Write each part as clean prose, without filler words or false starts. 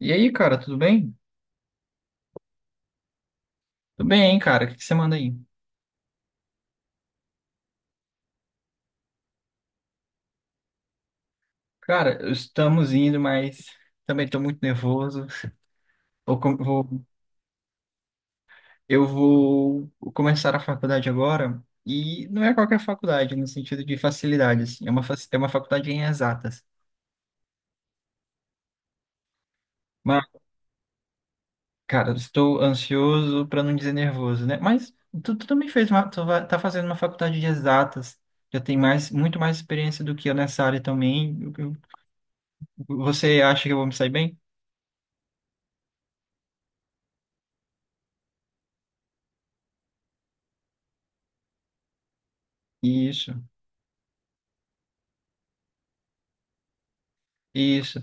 E aí, cara, tudo bem? Tudo bem, hein, cara? O que que você manda aí? Cara, estamos indo, mas também estou muito nervoso. Vou com- vou- eu vou começar a faculdade agora, e não é qualquer faculdade, no sentido de facilidade, assim. É é uma faculdade em exatas. Mas, cara, eu estou ansioso para não dizer nervoso, né? Mas tu também fez uma, tá fazendo uma faculdade de exatas. Já tem muito mais experiência do que eu nessa área também. Você acha que eu vou me sair bem? Isso, isso.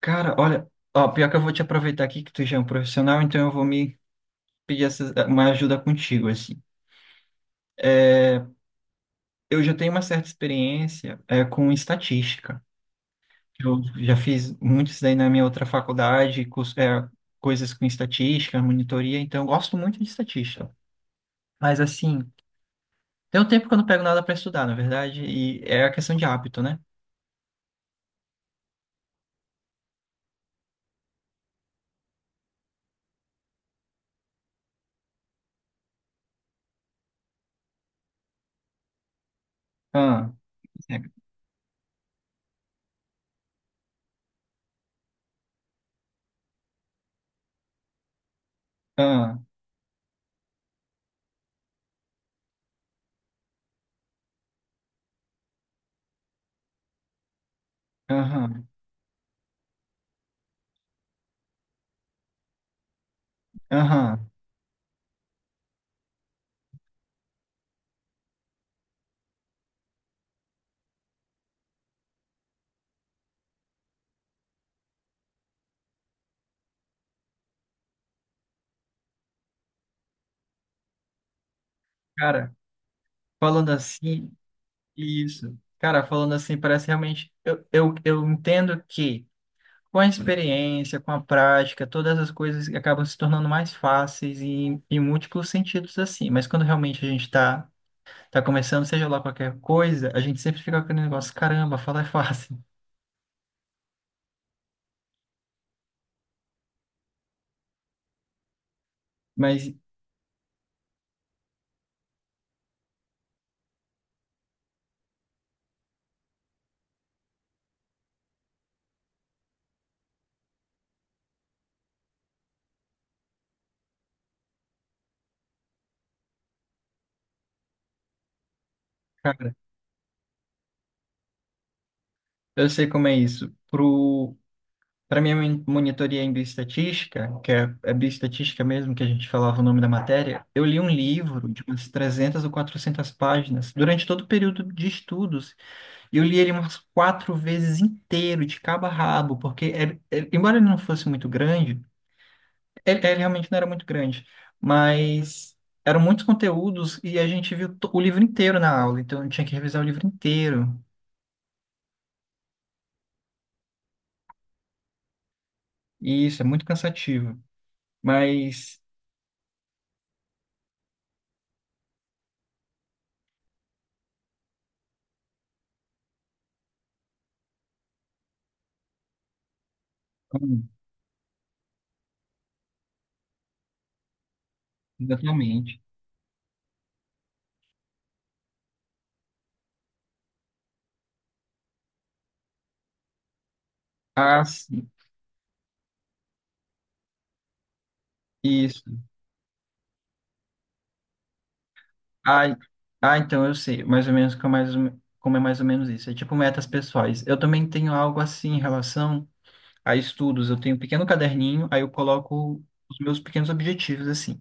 Cara, olha, ó, pior que eu vou te aproveitar aqui que tu já é um profissional, então eu vou me pedir uma ajuda contigo, assim. Eu já tenho uma certa experiência, é, com estatística. Eu já fiz muito isso daí na minha outra faculdade, coisas com estatística, monitoria, então eu gosto muito de estatística. Mas assim, tem um tempo que eu não pego nada para estudar, na verdade, e é a questão de hábito, né? Ah, é, ah, aham, aham. Cara, falando assim. Isso. Cara, falando assim, parece realmente. Eu entendo que, com a experiência, com a prática, todas as coisas acabam se tornando mais fáceis e em múltiplos sentidos assim. Mas quando realmente tá começando, seja lá qualquer coisa, a gente sempre fica com aquele negócio, caramba, falar é fácil. Mas, cara, eu sei como é isso. Para minha monitoria em bioestatística, que é é bioestatística mesmo, que a gente falava o nome da matéria, eu li um livro de umas 300 ou 400 páginas durante todo o período de estudos. E eu li ele umas quatro vezes inteiro, de cabo a rabo, porque, embora ele não fosse muito grande, ele realmente não era muito grande, mas eram muitos conteúdos e a gente viu o livro inteiro na aula, então eu tinha que revisar o livro inteiro. E isso é muito cansativo. Mas, hum, exatamente. As Isso. Ah, ah, então eu sei, mais ou menos como é como é mais ou menos isso. É tipo metas pessoais. Eu também tenho algo assim em relação a estudos. Eu tenho um pequeno caderninho, aí eu coloco os meus pequenos objetivos assim.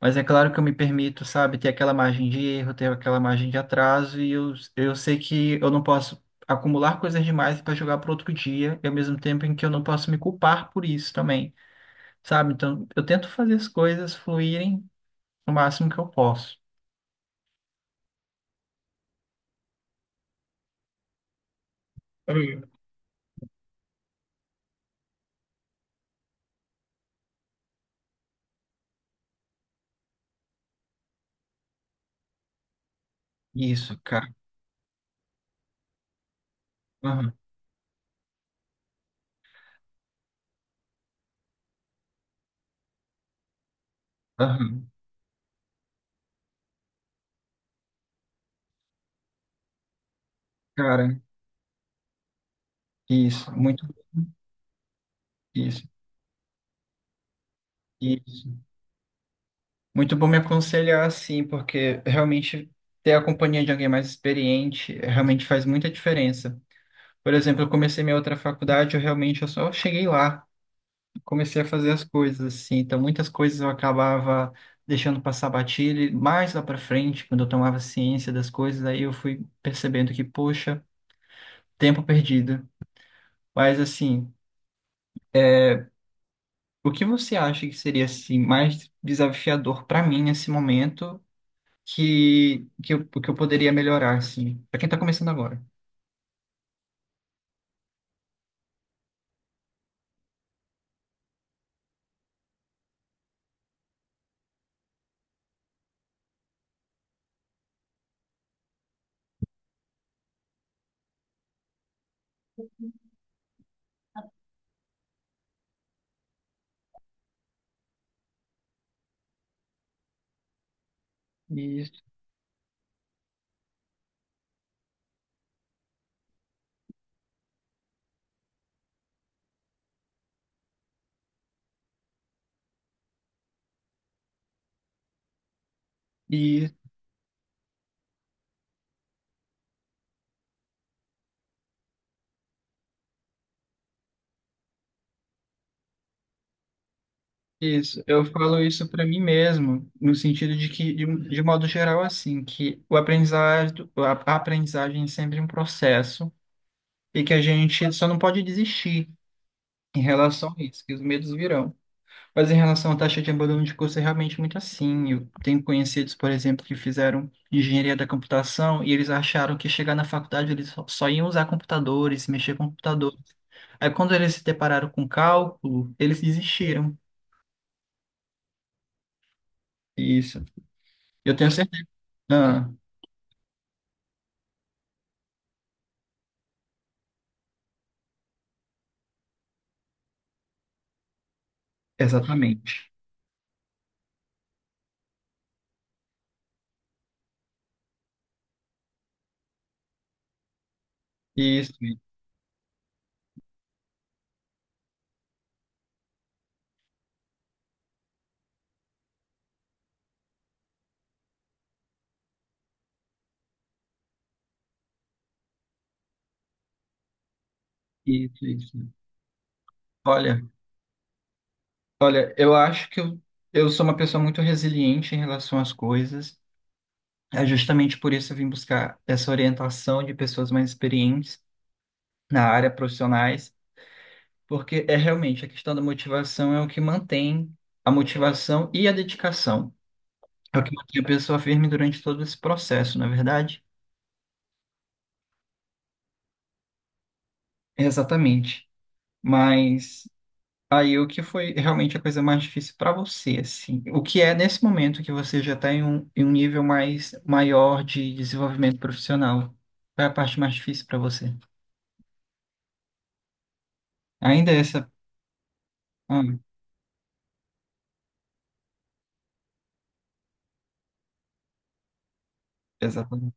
Mas é claro que eu me permito, sabe, ter aquela margem de erro, ter aquela margem de atraso, e eu sei que eu não posso acumular coisas demais para jogar para outro dia, e ao mesmo tempo em que eu não posso me culpar por isso também, sabe? Então eu tento fazer as coisas fluírem o máximo que eu posso. Isso, cara. Aham, aham. Cara, isso, muito, isso, isso. Muito bom me aconselhar assim, porque realmente ter a companhia de alguém mais experiente, eh, realmente faz muita diferença. Por exemplo, eu comecei minha outra faculdade, eu só cheguei lá, comecei a fazer as coisas assim, então muitas coisas eu acabava deixando passar batido, e mais lá para frente, quando eu tomava ciência das coisas, aí eu fui percebendo que, poxa, tempo perdido. Mas assim, o que você acha que seria assim mais desafiador para mim nesse momento, que eu poderia melhorar assim, para quem tá começando agora? Isso, isso, isso. Eu falo isso para mim mesmo, no sentido de que de modo geral assim, que o aprendizado, a aprendizagem é sempre um processo e que a gente só não pode desistir em relação a isso, que os medos virão. Mas em relação à taxa de abandono de curso, é realmente muito assim. Eu tenho conhecidos, por exemplo, que fizeram engenharia da computação e eles acharam que, chegar na faculdade, eles só iam usar computadores, mexer com computadores. Aí quando eles se depararam com cálculo, eles desistiram. Isso. Eu tenho certeza. Ah, exatamente. Isso, isso, isso. Olha, olha, eu acho que eu sou uma pessoa muito resiliente em relação às coisas. É justamente por isso que eu vim buscar essa orientação de pessoas mais experientes na área, profissionais, porque é realmente a questão da motivação, é o que mantém a motivação e a dedicação. É o que mantém a pessoa firme durante todo esse processo, não é verdade? Exatamente. Mas aí o que foi realmente a coisa mais difícil para você, assim? O que é nesse momento que você já está em em um nível mais maior de desenvolvimento profissional? Qual é a parte mais difícil para você? Ainda é essa. Ah, exatamente.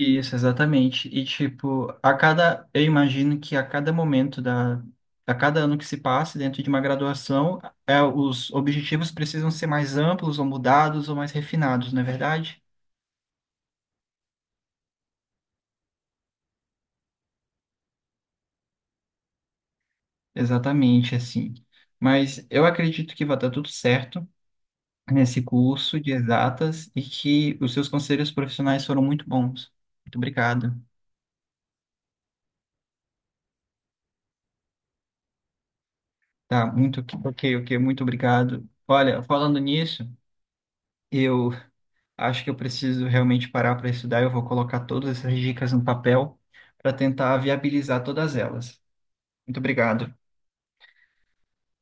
Isso, exatamente. E tipo, eu imagino que a cada ano que se passe dentro de uma graduação, é, os objetivos precisam ser mais amplos, ou mudados, ou mais refinados, não é verdade? Exatamente, assim. Mas eu acredito que vai dar tudo certo nesse curso de exatas e que os seus conselhos profissionais foram muito bons. Muito obrigado. Tá, muito ok, ok, ok, muito obrigado. Olha, falando nisso, eu acho que eu preciso realmente parar para estudar. Eu vou colocar todas essas dicas no papel para tentar viabilizar todas elas. Muito obrigado.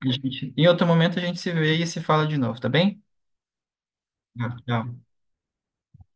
A gente- em outro momento a gente se vê e se fala de novo, tá bem? Tá, tchau.